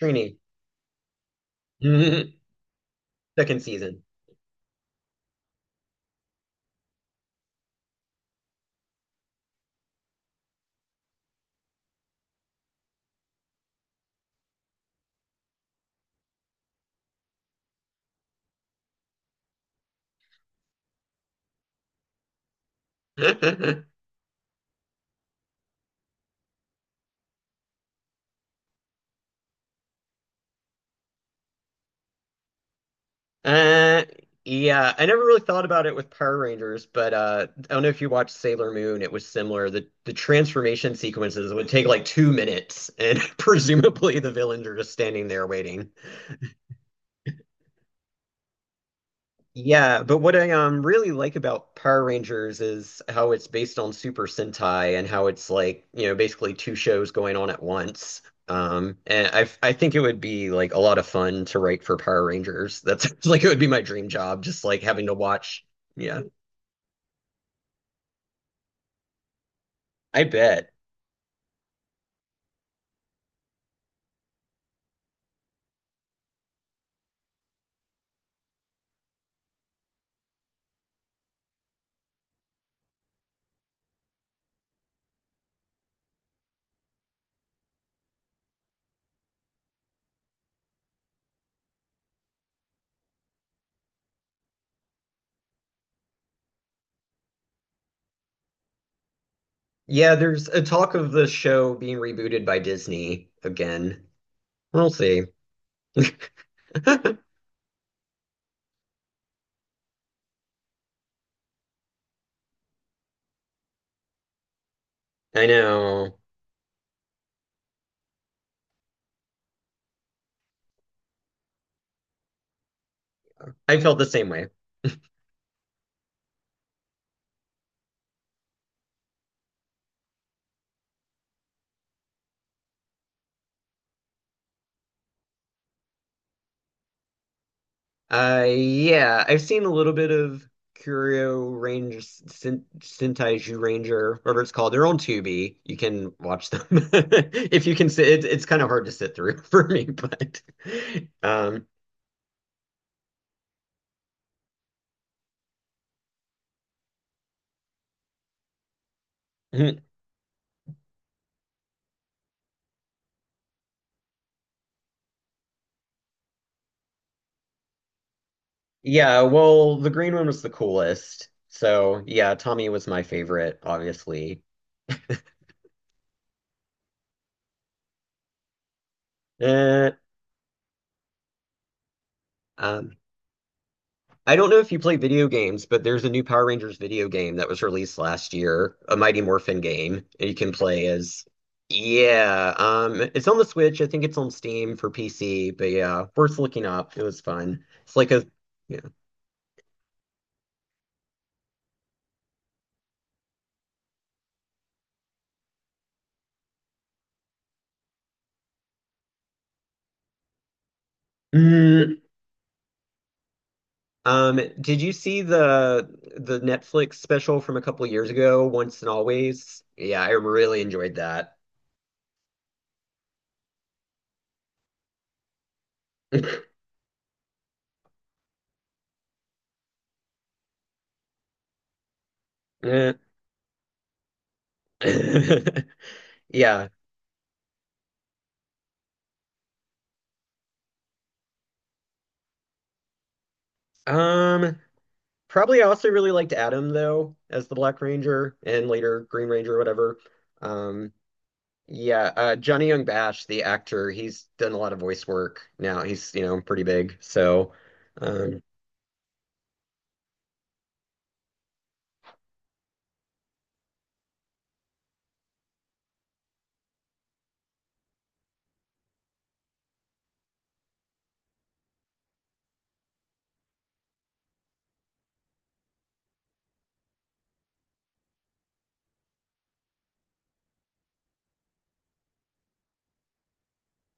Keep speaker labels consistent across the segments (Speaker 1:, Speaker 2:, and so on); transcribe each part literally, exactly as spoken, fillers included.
Speaker 1: Trini. Second season. Uh, yeah, I never really thought about it with Power Rangers, but uh, I don't know if you watched Sailor Moon. It was similar. The the transformation sequences would take like two minutes, and presumably the villains are just standing there waiting. Yeah, but what I um really like about Power Rangers is how it's based on Super Sentai and how it's like, you know, basically two shows going on at once. Um, and I I think it would be like a lot of fun to write for Power Rangers. That's like it would be my dream job, just like having to watch. Yeah, I bet. Yeah, there's a talk of the show being rebooted by Disney again. We'll see. I know. I felt the same way. Uh, yeah, I've seen a little bit of Curio Ranger, Sen- Sentai Ranger, whatever it's called. They're on Tubi. You can watch them if you can sit. It's, it's kind of hard to sit through for me, but um, mhm. Yeah. Well, the green one was the coolest. So yeah, Tommy was my favorite, obviously. Uh, um, I don't know if you play video games, but there's a new Power Rangers video game that was released last year, a Mighty Morphin game, and you can play as. Yeah, um, it's on the Switch. I think it's on Steam for P C, but yeah, worth looking up. It was fun. It's like a, yeah. Mm, um, did you see the the Netflix special from a couple years ago, Once and Always? Yeah, I really enjoyed that. Yeah. Um, Probably. I also really liked Adam though as the Black Ranger and later Green Ranger, whatever. Um, yeah, uh, Johnny Young Bash, the actor, he's done a lot of voice work now. He's, you know, pretty big. So, um,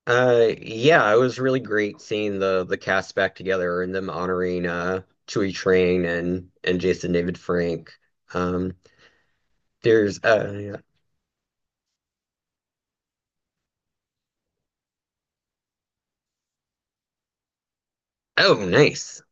Speaker 1: uh, yeah, it was really great seeing the the cast back together and them honoring uh Chewie Train and and Jason David Frank. Um, there's uh, yeah. Oh, nice.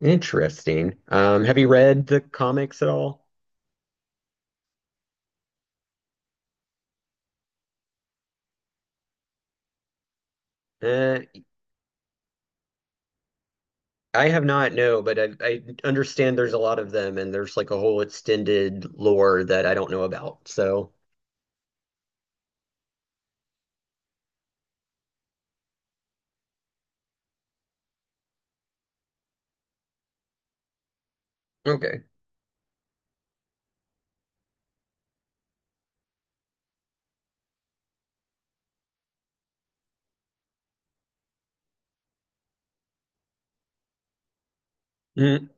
Speaker 1: Interesting. Um, have you read the comics at all? Uh, I have not, no, but I, I understand there's a lot of them and there's like a whole extended lore that I don't know about. So, okay. Mm.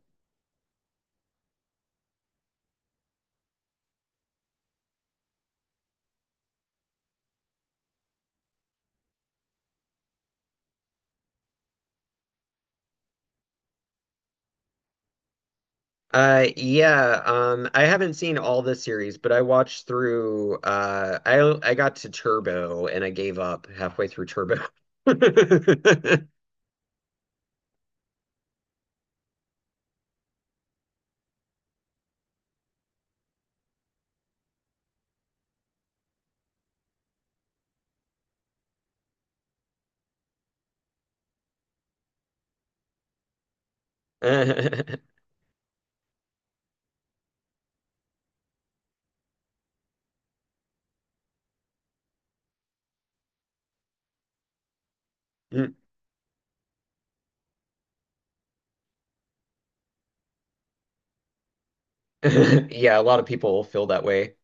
Speaker 1: Uh, yeah, um, I haven't seen all the series, but I watched through, uh, I, I got to Turbo and I gave up halfway through Turbo. Yeah, a lot of people feel that way.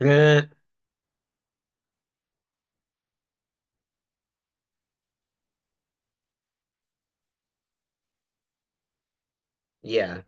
Speaker 1: Uh, Yeah.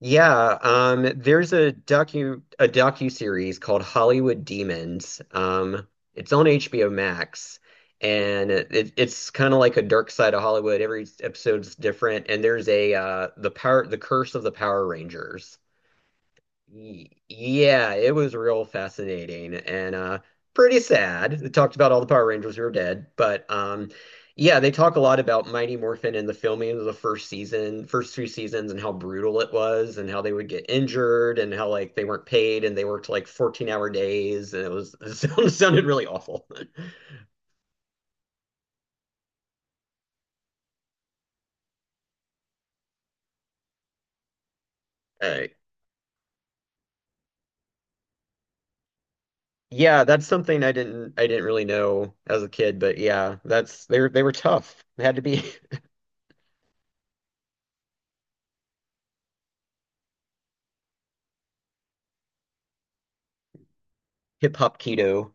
Speaker 1: Yeah, um, there's a docu a docu-series called Hollywood Demons. Um, it's on H B O Max, and it, it's kind of like a dark side of Hollywood. Every episode's different, and there's a uh, the power the Curse of the Power Rangers. Y- Yeah, it was real fascinating and uh pretty sad. They talked about all the Power Rangers who are dead, but um yeah, they talk a lot about Mighty Morphin and the filming of the first season, first two seasons and how brutal it was and how they would get injured and how like they weren't paid and they worked like fourteen-hour days and it was it sound- sounded really awful. Uh, yeah, that's something I didn't I didn't really know as a kid, but yeah, that's they were they were tough. They had to be. Hip hop keto.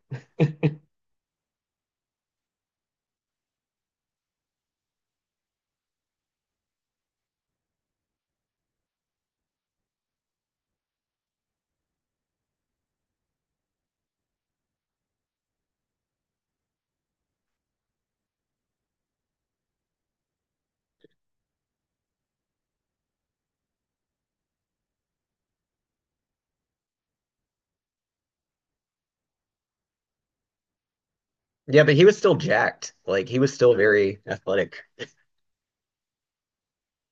Speaker 1: Yeah, but he was still jacked. Like he was still very athletic.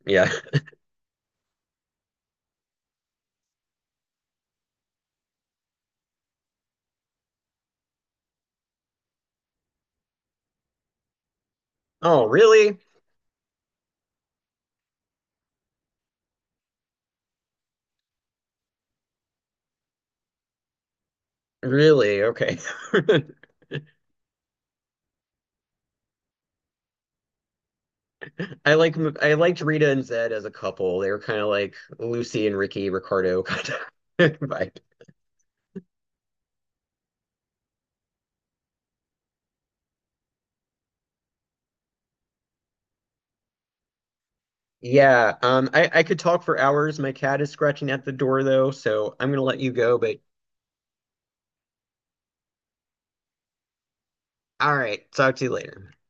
Speaker 1: Yeah. Oh, really? Really? Okay. I like I liked Rita and Zed as a couple. They were kind of like Lucy and Ricky Ricardo kind of vibe. Yeah, um, I, I could talk for hours. My cat is scratching at the door though, so I'm gonna let you go, but all right, talk to you later.